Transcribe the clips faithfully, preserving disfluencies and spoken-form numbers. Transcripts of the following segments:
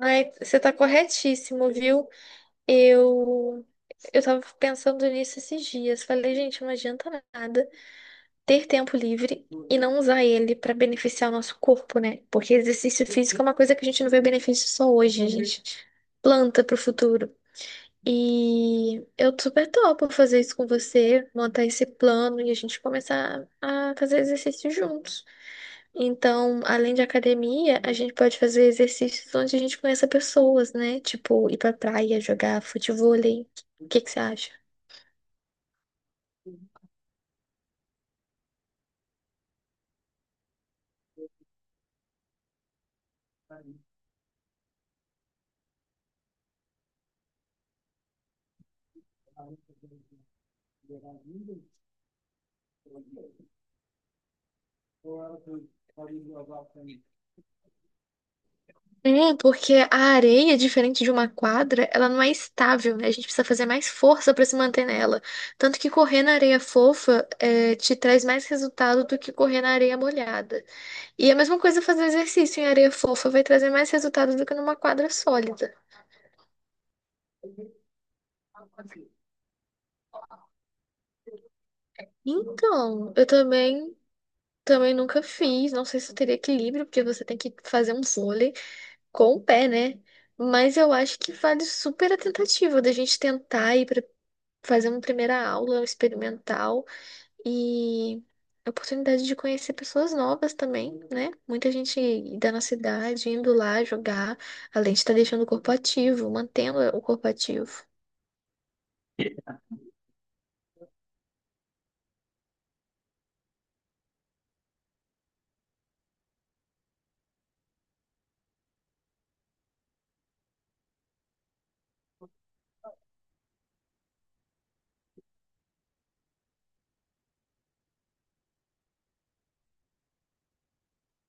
Ai, você tá corretíssimo, viu? Eu eu tava pensando nisso esses dias. Falei, gente, não adianta nada ter tempo livre e não usar ele pra beneficiar o nosso corpo, né? Porque exercício físico é uma coisa que a gente não vê benefício só hoje, a gente planta pro futuro. E eu super topo fazer isso com você, montar esse plano e a gente começar a fazer exercício juntos. Então, além de academia, a gente pode fazer exercícios onde a gente conheça pessoas, né? Tipo, ir pra praia, jogar futevôlei. O que que você acha? É, porque a areia, diferente de uma quadra, ela não é estável, né? A gente precisa fazer mais força pra se manter nela. Tanto que correr na areia fofa é, te traz mais resultado do que correr na areia molhada. E a mesma coisa fazer exercício em areia fofa vai trazer mais resultado do que numa quadra sólida. Então, eu também Também nunca fiz, não sei se eu teria equilíbrio, porque você tem que fazer um vôlei com o pé, né? Mas eu acho que vale super a tentativa da gente tentar ir para fazer uma primeira aula experimental e a oportunidade de conhecer pessoas novas também, né? Muita gente da nossa idade indo lá jogar, além de estar deixando o corpo ativo, mantendo o corpo ativo.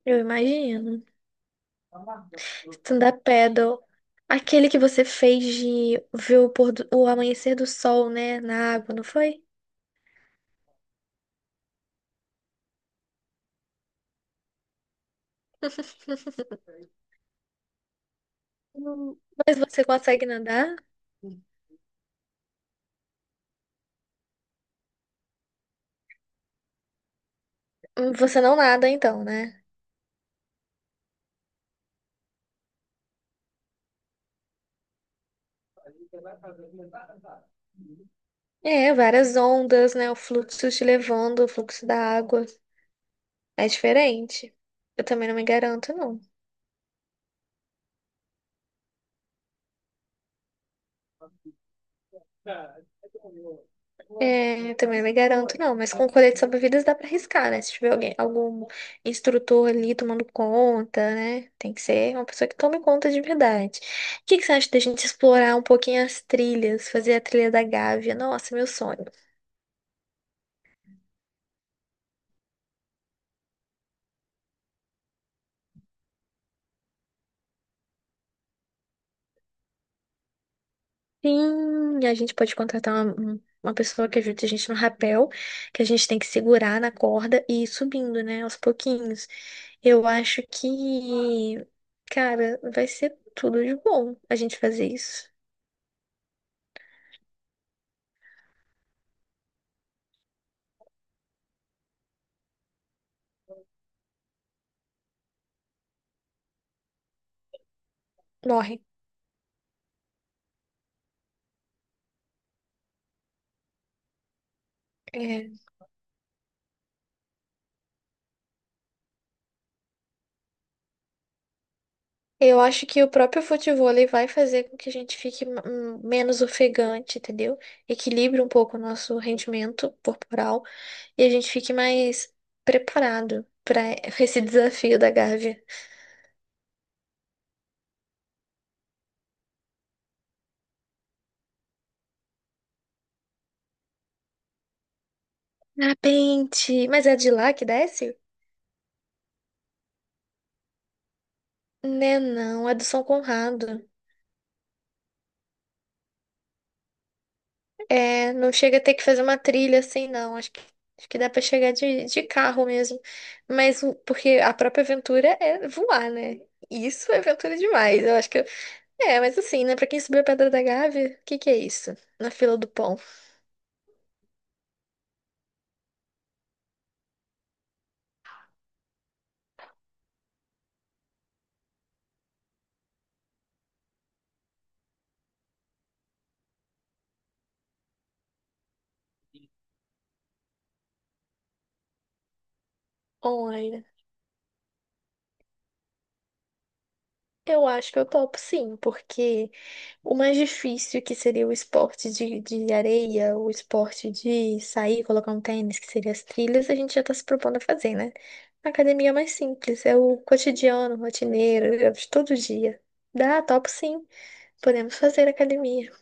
Eu imagino. Stand-up paddle. Aquele que você fez de ver o, pôr do- o amanhecer do sol, né? Na água, não foi? Hum, Mas você consegue nadar? Hum, Você não nada, então, né? É, várias ondas, né? O fluxo te levando, o fluxo da água. É diferente. Eu também não me garanto, não. É, também não me garanto, não, mas com colete salva-vidas dá pra arriscar, né? Se tiver alguém, algum instrutor ali tomando conta, né? Tem que ser uma pessoa que tome conta de verdade. O que que você acha da gente explorar um pouquinho as trilhas, fazer a trilha da Gávea? Nossa, meu sonho. Sim, a gente pode contratar uma, um- uma pessoa que ajude a gente no rapel, que a gente tem que segurar na corda e ir subindo, né? Aos pouquinhos. Eu acho que, cara, vai ser tudo de bom a gente fazer isso. Morrem. É. Eu acho que o próprio futevôlei vai fazer com que a gente fique hum, menos ofegante, entendeu? Equilibre um pouco o nosso rendimento corporal e a gente fique mais preparado para esse desafio da Gávea. Ah, Pente, mas é de lá que desce? Né, não, é do São Conrado. É, não chega a ter que fazer uma trilha assim, não. Acho que, acho que dá para chegar de, de carro mesmo. Mas o- porque a própria aventura é voar, né? Isso é aventura demais. Eu acho que é, mas assim, né? Pra quem subiu a Pedra da Gávea, o que que é isso? Na fila do pão. Olha, eu acho que eu topo sim, porque o mais difícil que seria o esporte de, de areia, o esporte de sair, colocar um tênis, que seria as trilhas, a gente já tá se propondo a fazer, né? A academia é mais simples, é o cotidiano, rotineiro, é de todo dia. Dá, topo sim. Podemos fazer academia.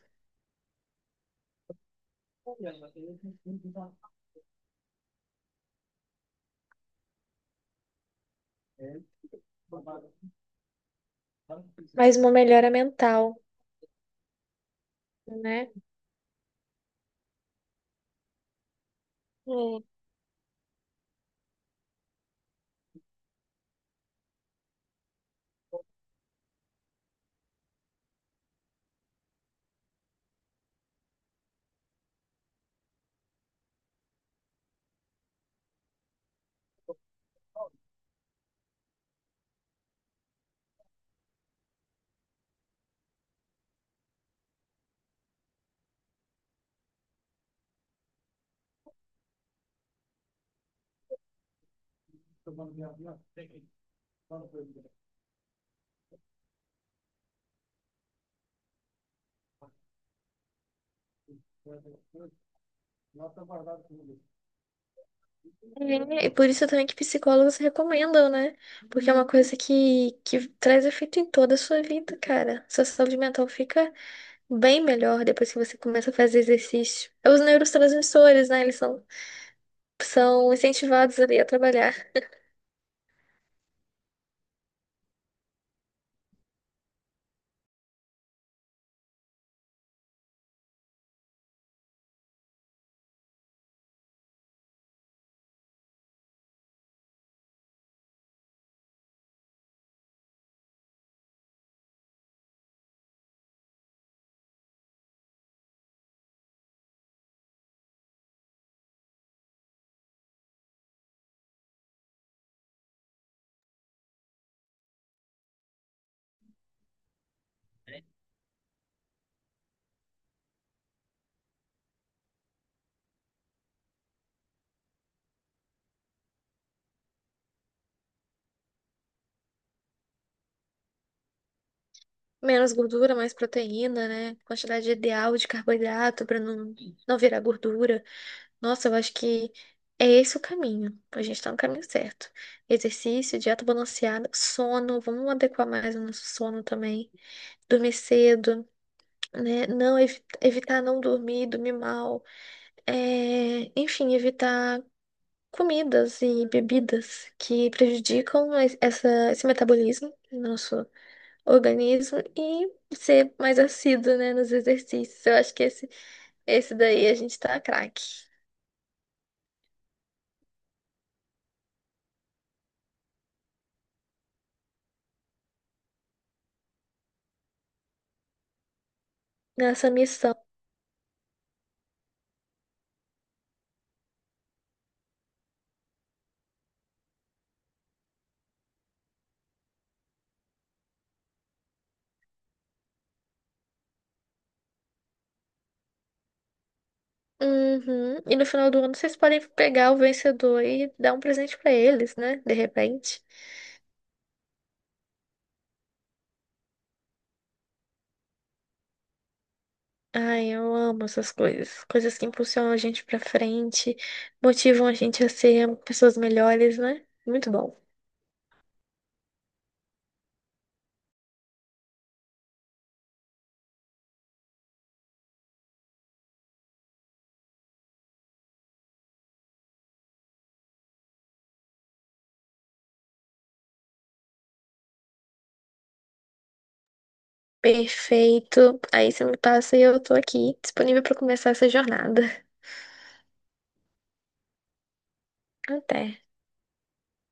Mais uma melhora mental, né? É, e por isso também que psicólogos recomendam, né? Porque é uma coisa que, que traz efeito em toda a sua vida, cara. Sua saúde mental fica bem melhor depois que você começa a fazer exercício. É, os neurotransmissores, né? Eles são, são incentivados ali a trabalhar. Menos gordura, mais proteína, né? Quantidade ideal de carboidrato para não, não virar gordura. Nossa, eu acho que é esse o caminho. A gente tá no caminho certo. Exercício, dieta balanceada, sono. Vamos adequar mais o nosso sono também. Dormir cedo, né? Não evi- evitar não dormir, dormir mal, é, enfim, evitar comidas e bebidas que prejudicam es- essa, esse metabolismo do nosso organismo e ser mais assíduo, né, nos exercícios. Eu acho que esse, esse daí a gente tá craque nessa missão. Uhum. E no final do ano vocês podem pegar o vencedor e dar um presente pra eles, né? De repente. Ai, eu amo essas coisas. Coisas que impulsionam a gente pra frente, motivam a gente a ser pessoas melhores, né? Muito bom. Perfeito. Aí você me passa e eu tô aqui, disponível pra começar essa jornada. Até.